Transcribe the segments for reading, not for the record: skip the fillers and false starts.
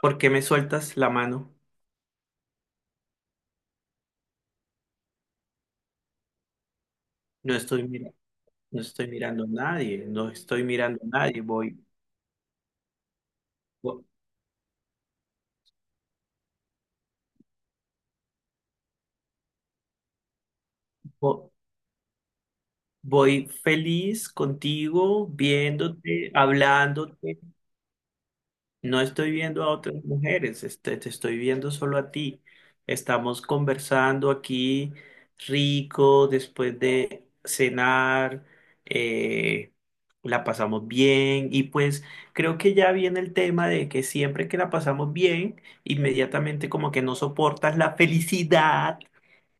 ¿Por qué me sueltas la mano? No estoy mirando, no estoy mirando a nadie, no estoy mirando a nadie, voy, vo- vo- voy, feliz contigo, viéndote, hablándote. No estoy viendo a otras mujeres, te estoy viendo solo a ti. Estamos conversando aquí rico después de cenar, eh, la pasamos bien y pues creo que ya viene el tema de que siempre que la pasamos bien, inmediatamente como que no soportas la felicidad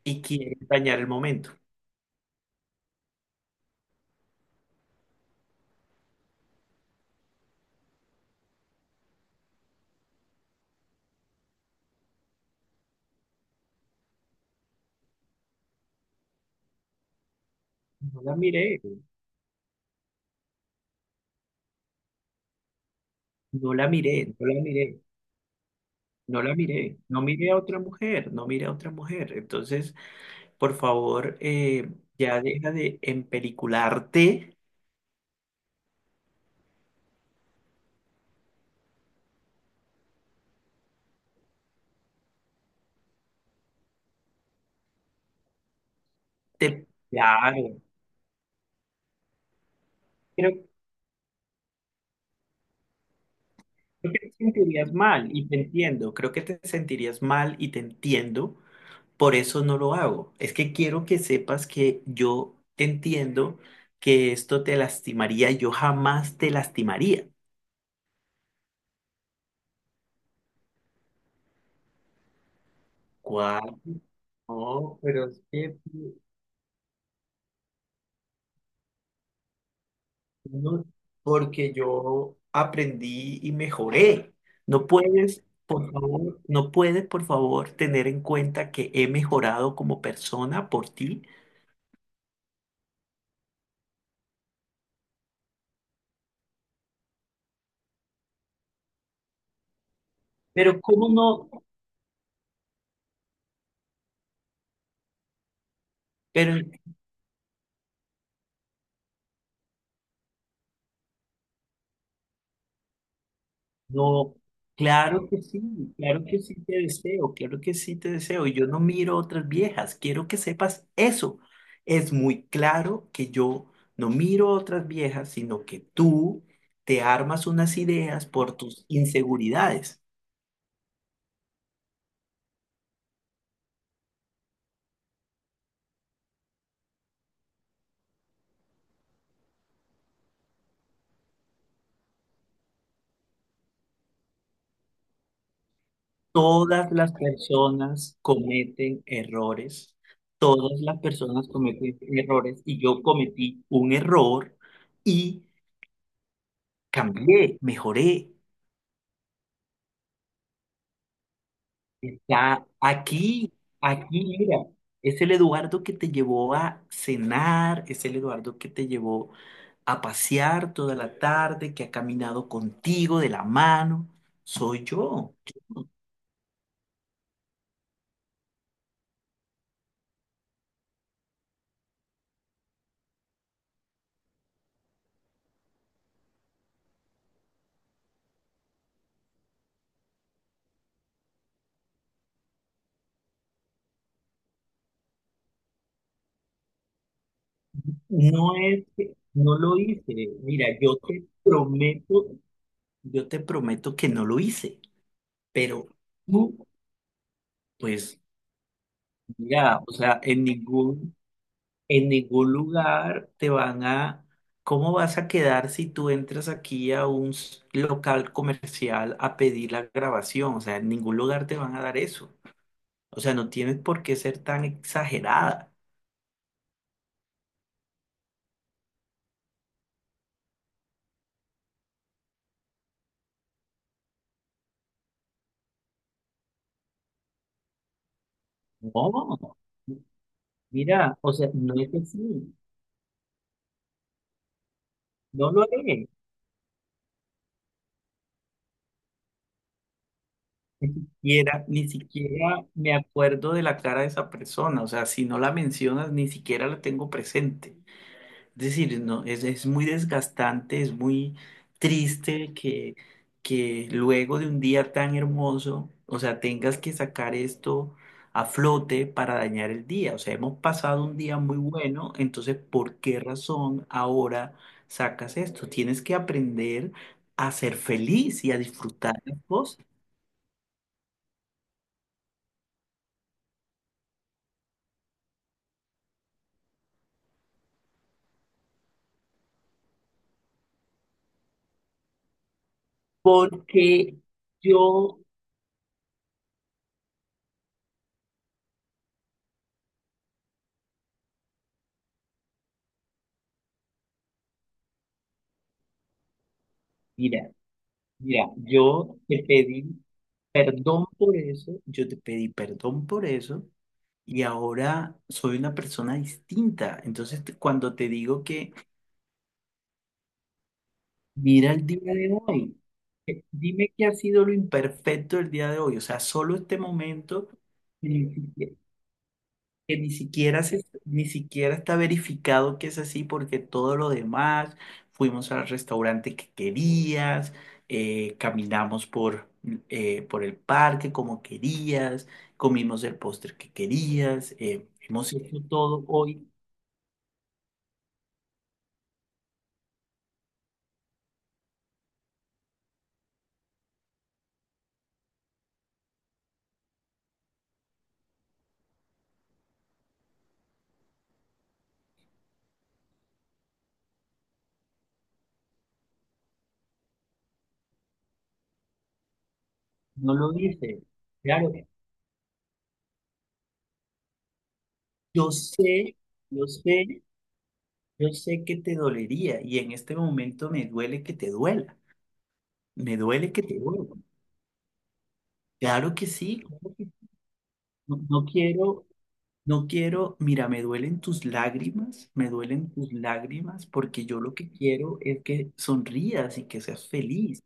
y quieres dañar el momento. No la miré, no la miré, no la miré, no la miré, no miré a otra mujer, no miré a otra mujer. Entonces... Por favor, ya deja de empelicularte. Te... Claro, creo, creo que te sentirías mal y te entiendo. Creo que te sentirías mal y te entiendo. Por eso no lo hago. Es que quiero que sepas que yo entiendo que esto te lastimaría. Yo jamás te lastimaría. ¿Cuál? No, pero es que... No, porque yo aprendí y mejoré. No puedes, por favor, no puedes, por favor, tener en cuenta que he mejorado como persona por ti. Pero cómo no, pero no, claro que sí, claro que sí te deseo, claro que sí te deseo. Y yo no miro otras viejas, quiero que sepas eso. Es muy claro que yo no miro otras viejas, sino que tú te armas unas ideas por tus inseguridades. Todas las personas cometen errores, todas las personas cometen errores y yo cometí un error y cambié, mejoré. Está aquí, aquí, mira, es el Eduardo que te llevó a cenar, es el Eduardo que te llevó a pasear toda la tarde, que ha caminado contigo de la mano, soy yo. No es que no lo hice. Mira, yo te prometo. Yo te prometo que no lo hice, pero tú, pues, mira, o sea, en ningún lugar te van a, ¿cómo vas a quedar si tú entras aquí a un local comercial a pedir la grabación? O sea, en ningún lugar te van a dar eso. O sea, no tienes por qué ser tan exagerada. No, mira, o sea, no es así, no lo haré. Ni siquiera, ni siquiera me acuerdo de la cara de esa persona, o sea, si no la mencionas, ni siquiera la tengo presente. Es decir, no, es muy desgastante, es muy triste que luego de un día tan hermoso, o sea, tengas que sacar esto a flote para dañar el día. O sea, hemos pasado un día muy bueno, entonces, ¿por qué razón ahora sacas esto? Tienes que aprender a ser feliz y a disfrutar las cosas. Porque yo, mira, mira, yo te pedí perdón por eso, yo te pedí perdón por eso, y ahora soy una persona distinta. Entonces, cuando te digo que mira el día de hoy, dime qué ha sido lo imperfecto del día de hoy, o sea, solo este momento. Que ni siquiera se, ni siquiera está verificado que es así porque todo lo demás, fuimos al restaurante que querías, caminamos por el parque como querías, comimos el postre que querías, hemos hecho todo hoy, no lo dice. Claro, yo sé, yo sé, yo sé que te dolería y en este momento me duele que te duela, me duele que te duela. Claro que sí, claro que sí. No, no quiero, no quiero, mira, me duelen tus lágrimas, me duelen tus lágrimas, porque yo lo que quiero es que sonrías y que seas feliz,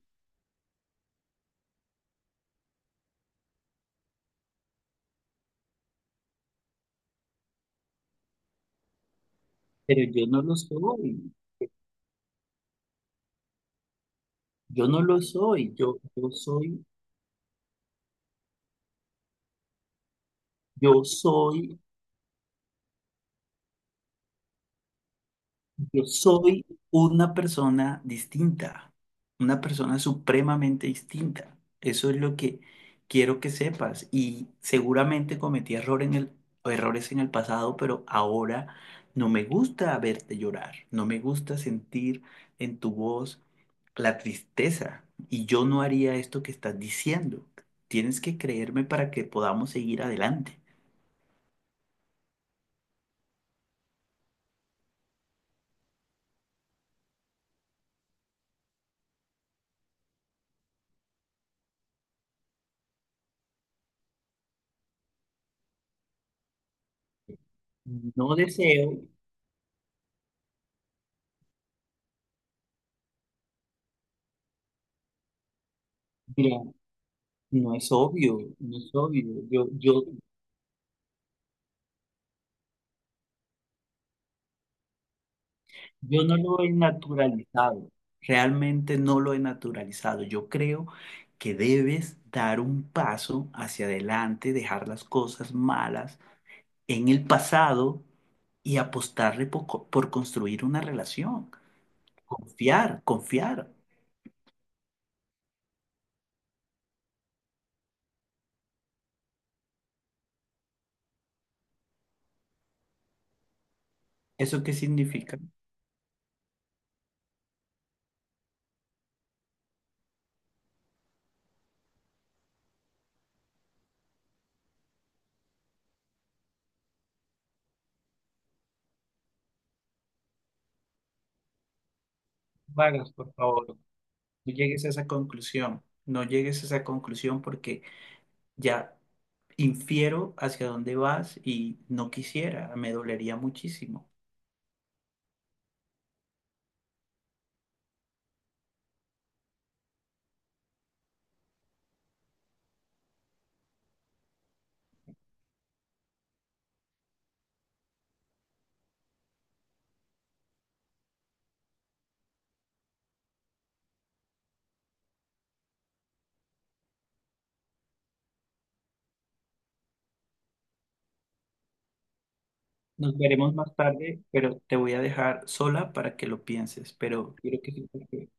pero yo no lo soy, yo no lo soy, yo soy, yo soy. Yo soy una persona distinta, una persona supremamente distinta. Eso es lo que quiero que sepas. Y seguramente cometí error en el, errores en el pasado, pero ahora no me gusta verte llorar, no me gusta sentir en tu voz la tristeza. Y yo no haría esto que estás diciendo. Tienes que creerme para que podamos seguir adelante. No deseo, mira, no es obvio, no es obvio. Yo. Yo no lo he naturalizado, realmente no lo he naturalizado. Yo creo que debes dar un paso hacia adelante, dejar las cosas malas en el pasado y apostarle por, por construir una relación. Confiar, confiar. ¿Eso qué significa? Vagas, por favor, no llegues a esa conclusión. No llegues a esa conclusión porque ya infiero hacia dónde vas y no quisiera, me dolería muchísimo. Nos veremos más tarde, pero te voy a dejar sola para que lo pienses, pero quiero que sepas que